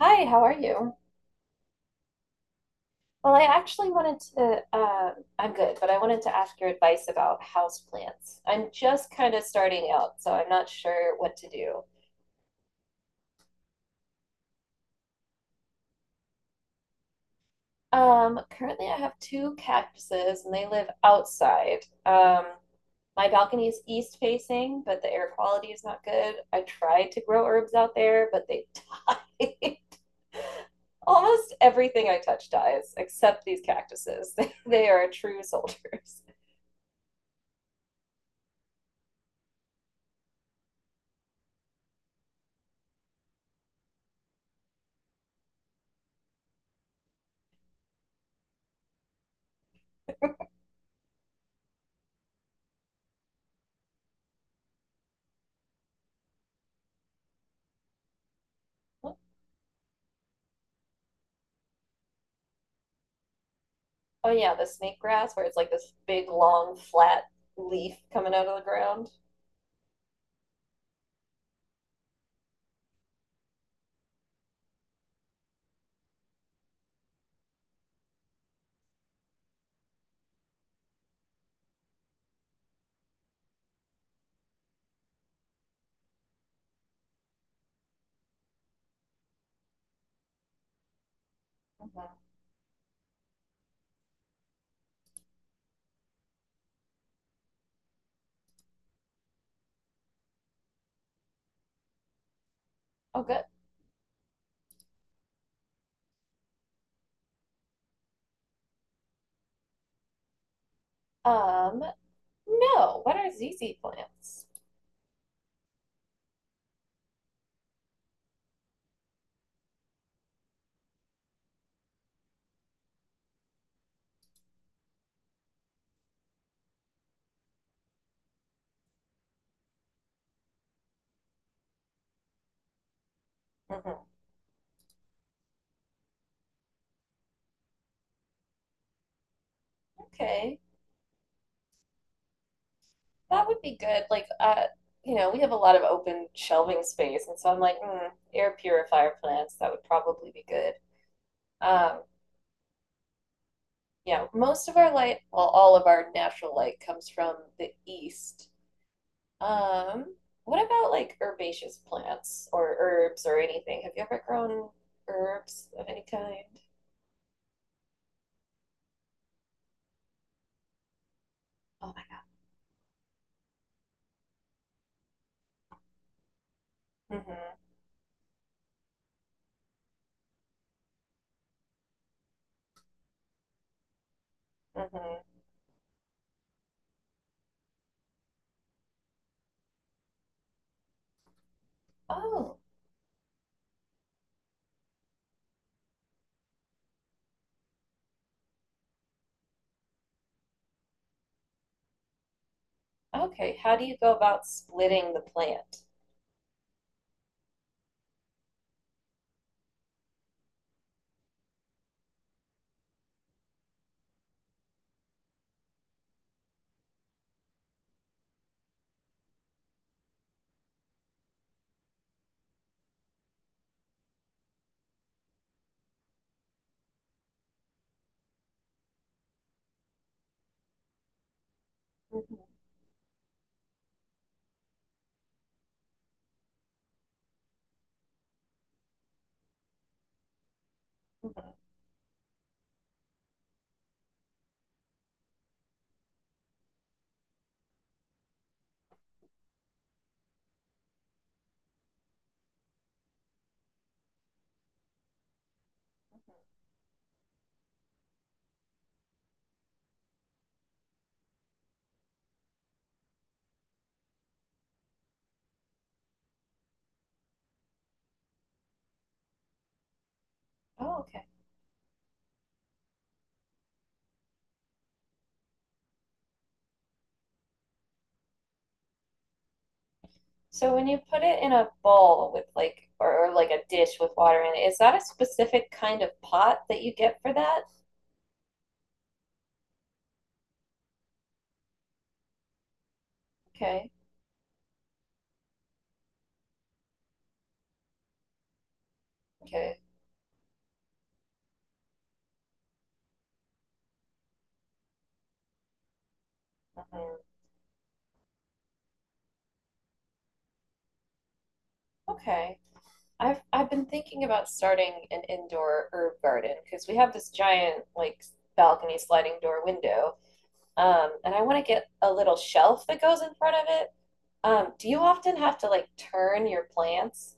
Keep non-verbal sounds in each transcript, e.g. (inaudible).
Hi, how are you? Well, I actually wanted to, I'm good, but I wanted to ask your advice about houseplants. I'm just kind of starting out, so I'm not sure what to do. Currently, I have two cactuses and they live outside. Um, my balcony is east facing, but the air quality is not good. I tried to grow herbs out there, but they (laughs) died. Almost everything I touch dies, except these cactuses. (laughs) They are true soldiers. Oh yeah, the snake grass where it's like this big long flat leaf coming out of the ground. Mhm. Oh good. Um, no. What are ZZ plants? Mhm. Okay, that would be good. Like, you know, we have a lot of open shelving space, and so I'm like, mm, air purifier plants. That would probably be good. Um, yeah, most of our light, well, all of our natural light comes from the east. Um, what about like herbaceous plants or herbs or anything? Have you ever grown herbs of any kind? Oh my God. Mm-hmm. Mm-hmm. Oh, okay. How do you go about splitting the plant? Mm-hmm. Mm-hmm. Mm-hmm. Oh, okay. So when you put it in a bowl with like or like a dish with water in it, is that a specific kind of pot that you get for that? Okay. Okay. Mm-hmm. Okay. I've been thinking about starting an indoor herb garden because we have this giant like balcony sliding door window, and I want to get a little shelf that goes in front of it. Do you often have to like turn your plants?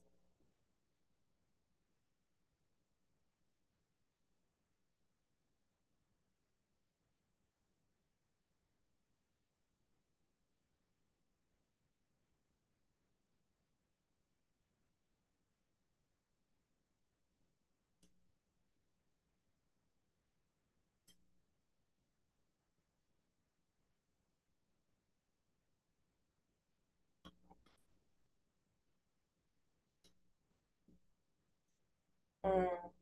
Mm.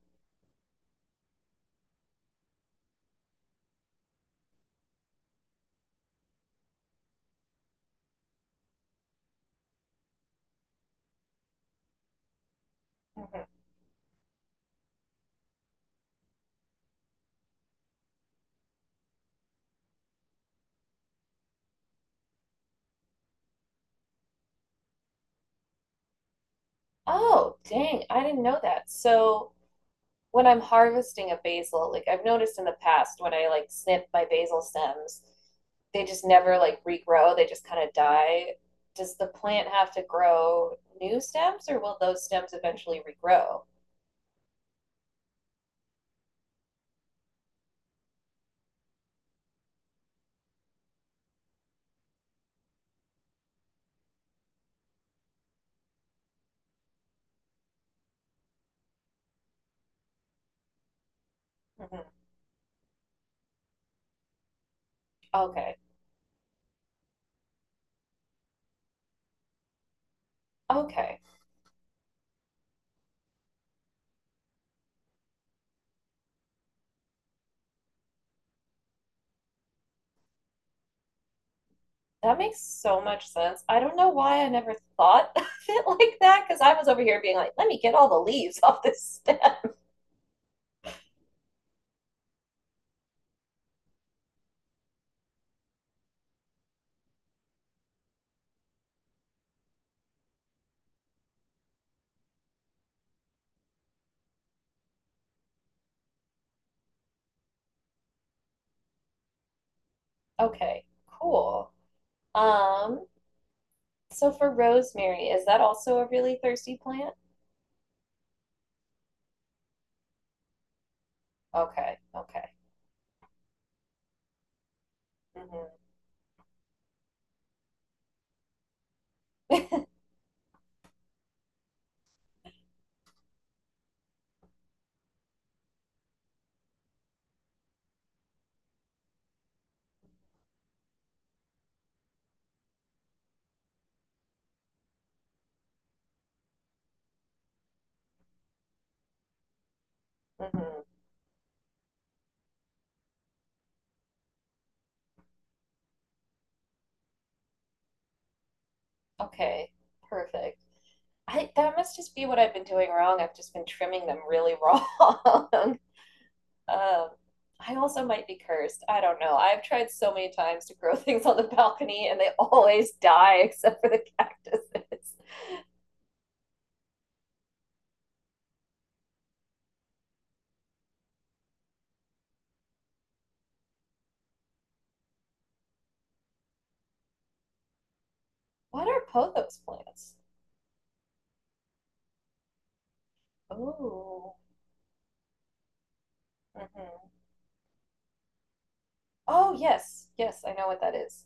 Mhm. Oh, dang, I didn't know that. So when I'm harvesting a basil, like I've noticed in the past when I like snip my basil stems, they just never like regrow, they just kind of die. Does the plant have to grow new stems or will those stems eventually regrow? Mm-hmm. Okay. Okay. That makes so much sense. I don't know why I never thought (laughs) of it like that because I was over here being like, let me get all the leaves (laughs) off this stem. (laughs) Okay, cool. Um, so for rosemary, is that also a really thirsty plant? Okay, okay. Hmm. Hmm. Okay, perfect. I that must just be what I've been doing wrong. I've just been trimming them really wrong. (laughs) um, I also might be cursed. I don't know. I've tried so many times to grow (laughs) things on the balcony and they always die (laughs) except for the cactuses. What are pothos plants? Oh. Mhm. Oh, yes. Yes, I know what that is.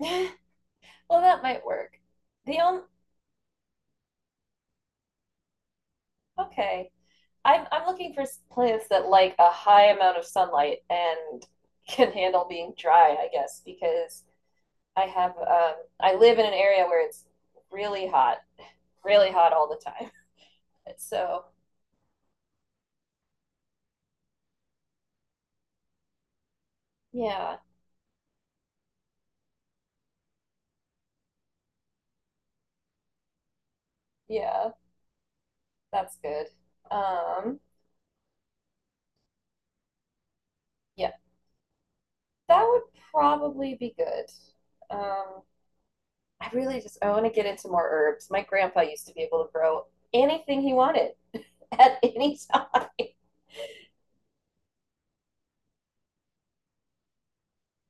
Mhm. (laughs) Well, that might work. The only, okay. I'm looking for plants that like a high amount of sunlight and (laughs) can handle being dry, I guess, because I have I live in an area where it's really hot, really hot all the time. (laughs) So, yeah. Yeah, that's good. Um, yeah. That would probably be good. Um, I really just I want to get into more herbs. My grandpa used to be able to grow anything he wanted (laughs) at any time. (laughs)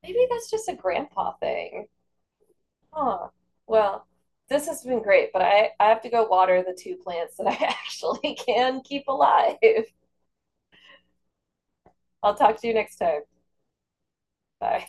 Maybe that's just a grandpa thing. Oh, well, this has been great, but I have to go water the two plants that I (laughs) actually can keep alive. I'll talk to you next time. Bye.